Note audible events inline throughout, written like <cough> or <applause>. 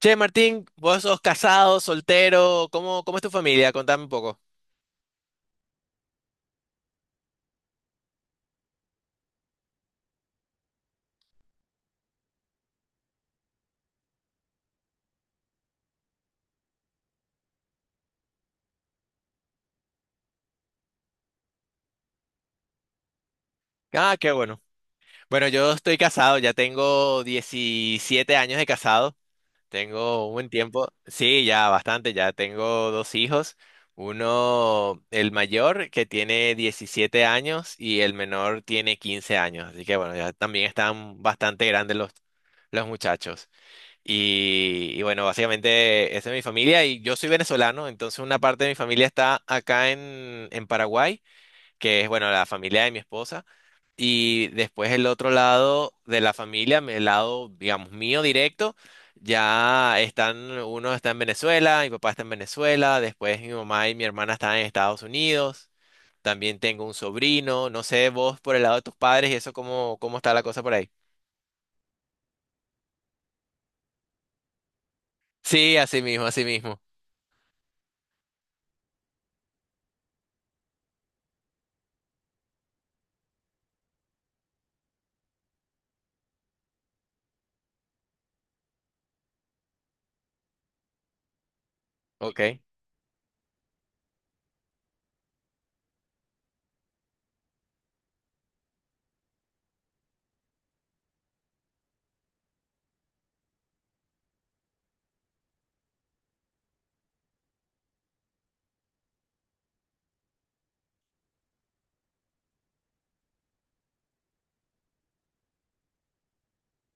Che, Martín, vos sos casado, soltero, ¿Cómo es tu familia? Contame un poco. Ah, qué bueno. Bueno, yo estoy casado, ya tengo 17 años de casado, tengo un buen tiempo. Sí, ya bastante, ya tengo dos hijos, uno, el mayor, que tiene 17 años y el menor tiene 15 años, así que bueno, ya también están bastante grandes los muchachos. Y bueno, básicamente esa es mi familia y yo soy venezolano, entonces una parte de mi familia está acá en Paraguay, que es, bueno, la familia de mi esposa, y después el otro lado de la familia, el lado, digamos, mío directo, ya están, uno está en Venezuela, mi papá está en Venezuela, después mi mamá y mi hermana están en Estados Unidos, también tengo un sobrino, no sé, vos por el lado de tus padres y eso, ¿cómo está la cosa por ahí? Sí, así mismo, así mismo. Ok.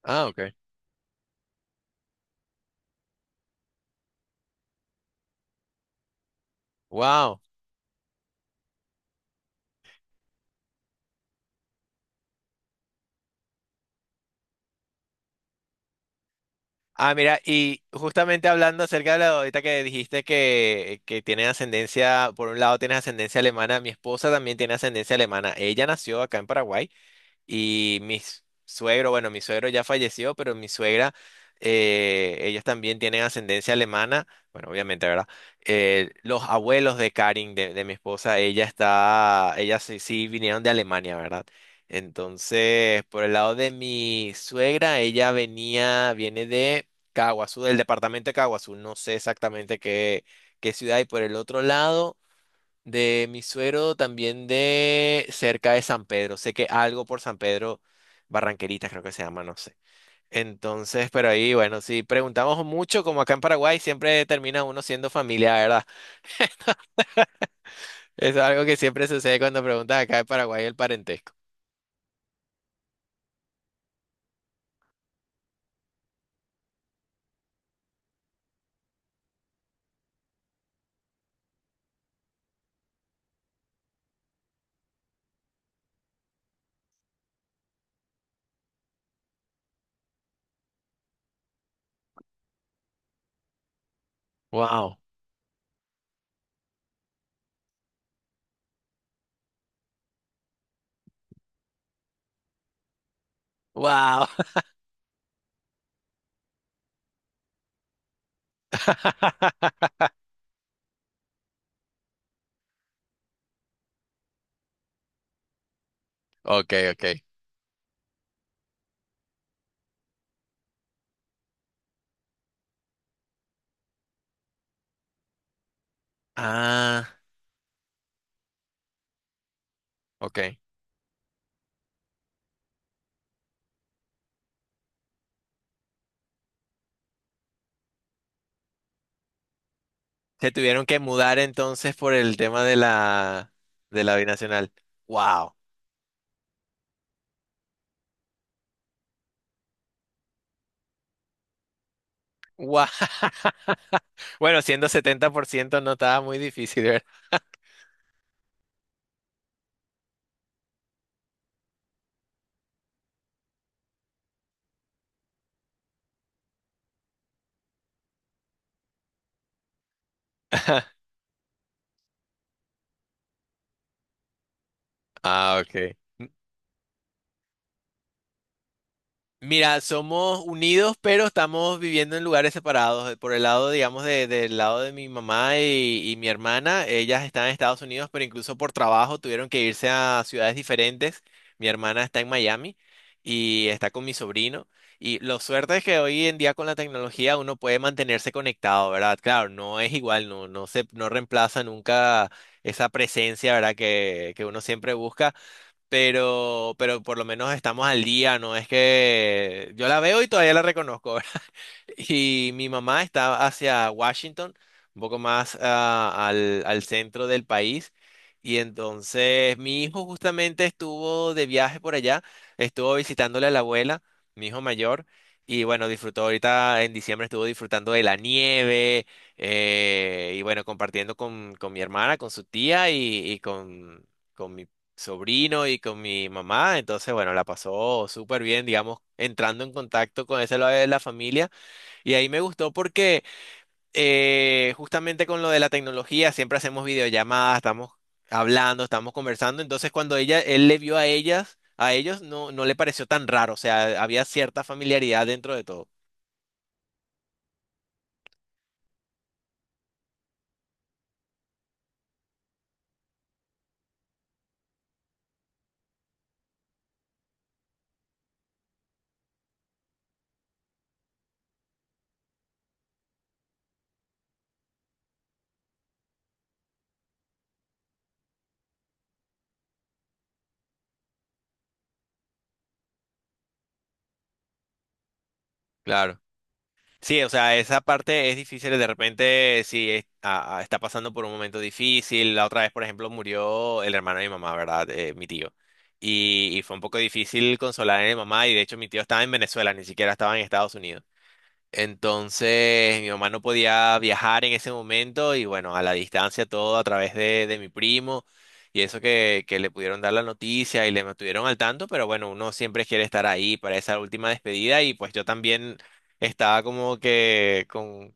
Ah, ok. Wow. Ah, mira, y justamente hablando acerca de la ahorita que dijiste que tiene ascendencia, por un lado tienes ascendencia alemana, mi esposa también tiene ascendencia alemana. Ella nació acá en Paraguay. Y mi suegro, bueno, mi suegro ya falleció, pero mi suegra, ellos también tienen ascendencia alemana, bueno, obviamente, ¿verdad? Los abuelos de Karin, de mi esposa, ella está, ella sí, sí vinieron de Alemania, ¿verdad? Entonces, por el lado de mi suegra, ella venía, viene de Caaguazú, del departamento de Caaguazú, no sé exactamente qué, qué ciudad, y por el otro lado de mi suero, también de cerca de San Pedro. Sé que algo por San Pedro, Barranqueritas creo que se llama, no sé. Entonces, pero ahí, bueno, si preguntamos mucho, como acá en Paraguay, siempre termina uno siendo familia, ¿verdad? Es algo que siempre sucede cuando preguntas acá en Paraguay el parentesco. Wow. Wow. <laughs> Ok, ok. Ah, ok. Se tuvieron que mudar entonces por el tema de la binacional. Wow. Guau. <laughs> Bueno, siendo 70% no estaba muy difícil, ¿verdad? <laughs> Ah, ok. Mira, somos unidos, pero estamos viviendo en lugares separados. Por el lado, digamos, del lado de mi mamá y mi hermana, ellas están en Estados Unidos, pero incluso por trabajo tuvieron que irse a ciudades diferentes. Mi hermana está en Miami y está con mi sobrino. Y lo suerte es que hoy en día con la tecnología uno puede mantenerse conectado, ¿verdad? Claro, no es igual, no, no reemplaza nunca esa presencia, ¿verdad? Que uno siempre busca, pero por lo menos estamos al día, ¿no? Es que yo la veo y todavía la reconozco. <laughs> Y mi mamá estaba hacia Washington, un poco más al centro del país. Y entonces mi hijo justamente estuvo de viaje por allá, estuvo visitándole a la abuela, mi hijo mayor. Y bueno, disfrutó ahorita en diciembre, estuvo disfrutando de la nieve y bueno, compartiendo con mi hermana, con su tía y con mi sobrino y con mi mamá. Entonces, bueno, la pasó súper bien, digamos, entrando en contacto con ese lado de la familia y ahí me gustó porque justamente con lo de la tecnología siempre hacemos videollamadas, estamos hablando, estamos conversando. Entonces cuando ella, él le vio a ellas, a ellos no, no le pareció tan raro. O sea, había cierta familiaridad dentro de todo. Claro. Sí, o sea, esa parte es difícil. De repente, si es- a- está pasando por un momento difícil. La otra vez, por ejemplo, murió el hermano de mi mamá, ¿verdad? Mi tío. Y fue un poco difícil consolar a mi mamá. Y de hecho, mi tío estaba en Venezuela, ni siquiera estaba en Estados Unidos. Entonces mi mamá no podía viajar en ese momento y bueno, a la distancia todo a través de mi primo y eso que le pudieron dar la noticia y le mantuvieron al tanto, pero bueno, uno siempre quiere estar ahí para esa última despedida y pues yo también estaba como que con,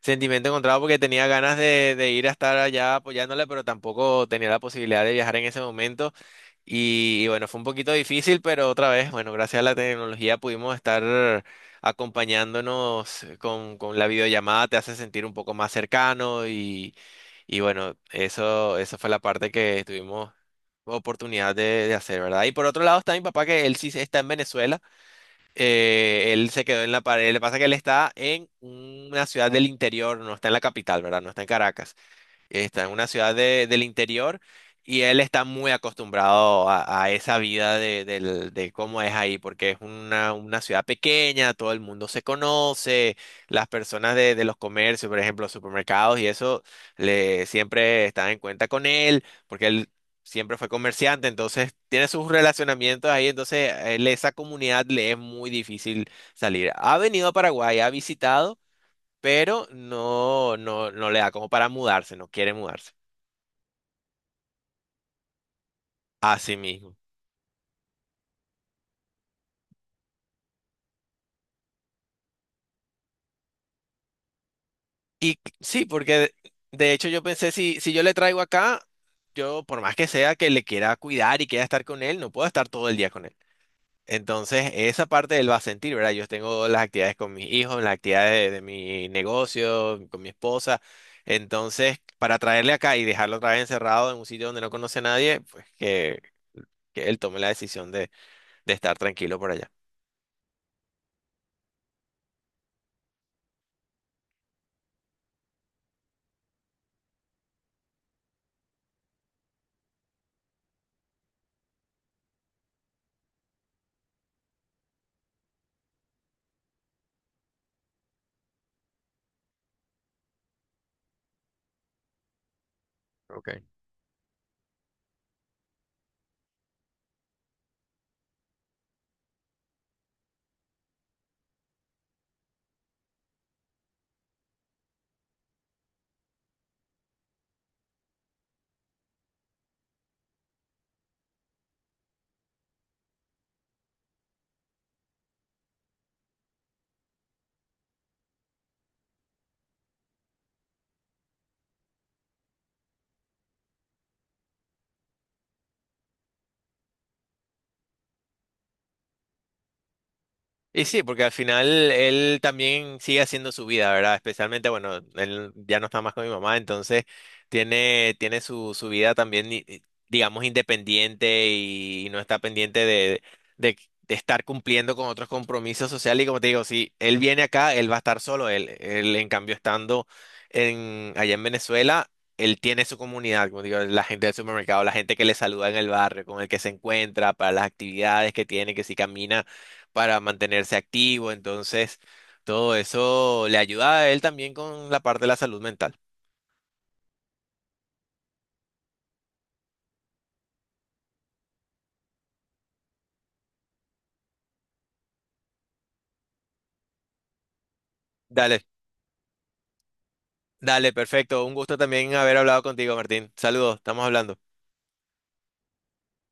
sentimiento encontrado porque tenía ganas de ir a estar allá apoyándole, pero tampoco tenía la posibilidad de viajar en ese momento. Y bueno, fue un poquito difícil, pero otra vez, bueno, gracias a la tecnología pudimos estar acompañándonos con la videollamada, te hace sentir un poco más cercano y bueno, eso fue la parte que tuvimos oportunidad de hacer, ¿verdad? Y por otro lado está mi papá, que él sí está en Venezuela. Él se quedó en la pared. Le pasa que él está en una ciudad del interior, no está en la capital, ¿verdad? No está en Caracas. Está en una ciudad del interior y él está muy acostumbrado a esa vida de cómo es ahí, porque es una ciudad pequeña, todo el mundo se conoce, las personas de los comercios, por ejemplo, supermercados y eso, le, siempre están en cuenta con él, porque él siempre fue comerciante, entonces tiene sus relacionamientos ahí, entonces él, esa comunidad le es muy difícil salir. Ha venido a Paraguay, ha visitado, pero no, no, no le da como para mudarse, no quiere mudarse a sí mismo. Sí, porque de hecho yo pensé, si yo le traigo acá, yo por más que sea que le quiera cuidar y quiera estar con él, no puedo estar todo el día con él. Entonces, esa parte él va a sentir, ¿verdad? Yo tengo las actividades con mis hijos, las actividades de mi negocio, con mi esposa. Entonces, para traerle acá y dejarlo otra vez encerrado en un sitio donde no conoce a nadie, pues que él tome la decisión de estar tranquilo por allá. Y sí, porque al final él también sigue haciendo su vida, ¿verdad? Especialmente, bueno, él ya no está más con mi mamá, entonces tiene, tiene su, su vida también, digamos, independiente no está pendiente de, de estar cumpliendo con otros compromisos sociales. Y como te digo, si él viene acá, él va a estar solo. Él en cambio, estando allá en Venezuela, él tiene su comunidad, como digo, la gente del supermercado, la gente que le saluda en el barrio, con el que se encuentra, para las actividades que tiene, que si camina para mantenerse activo, entonces todo eso le ayuda a él también con la parte de la salud mental. Dale, dale, perfecto. Un gusto también haber hablado contigo, Martín. Saludos, estamos hablando.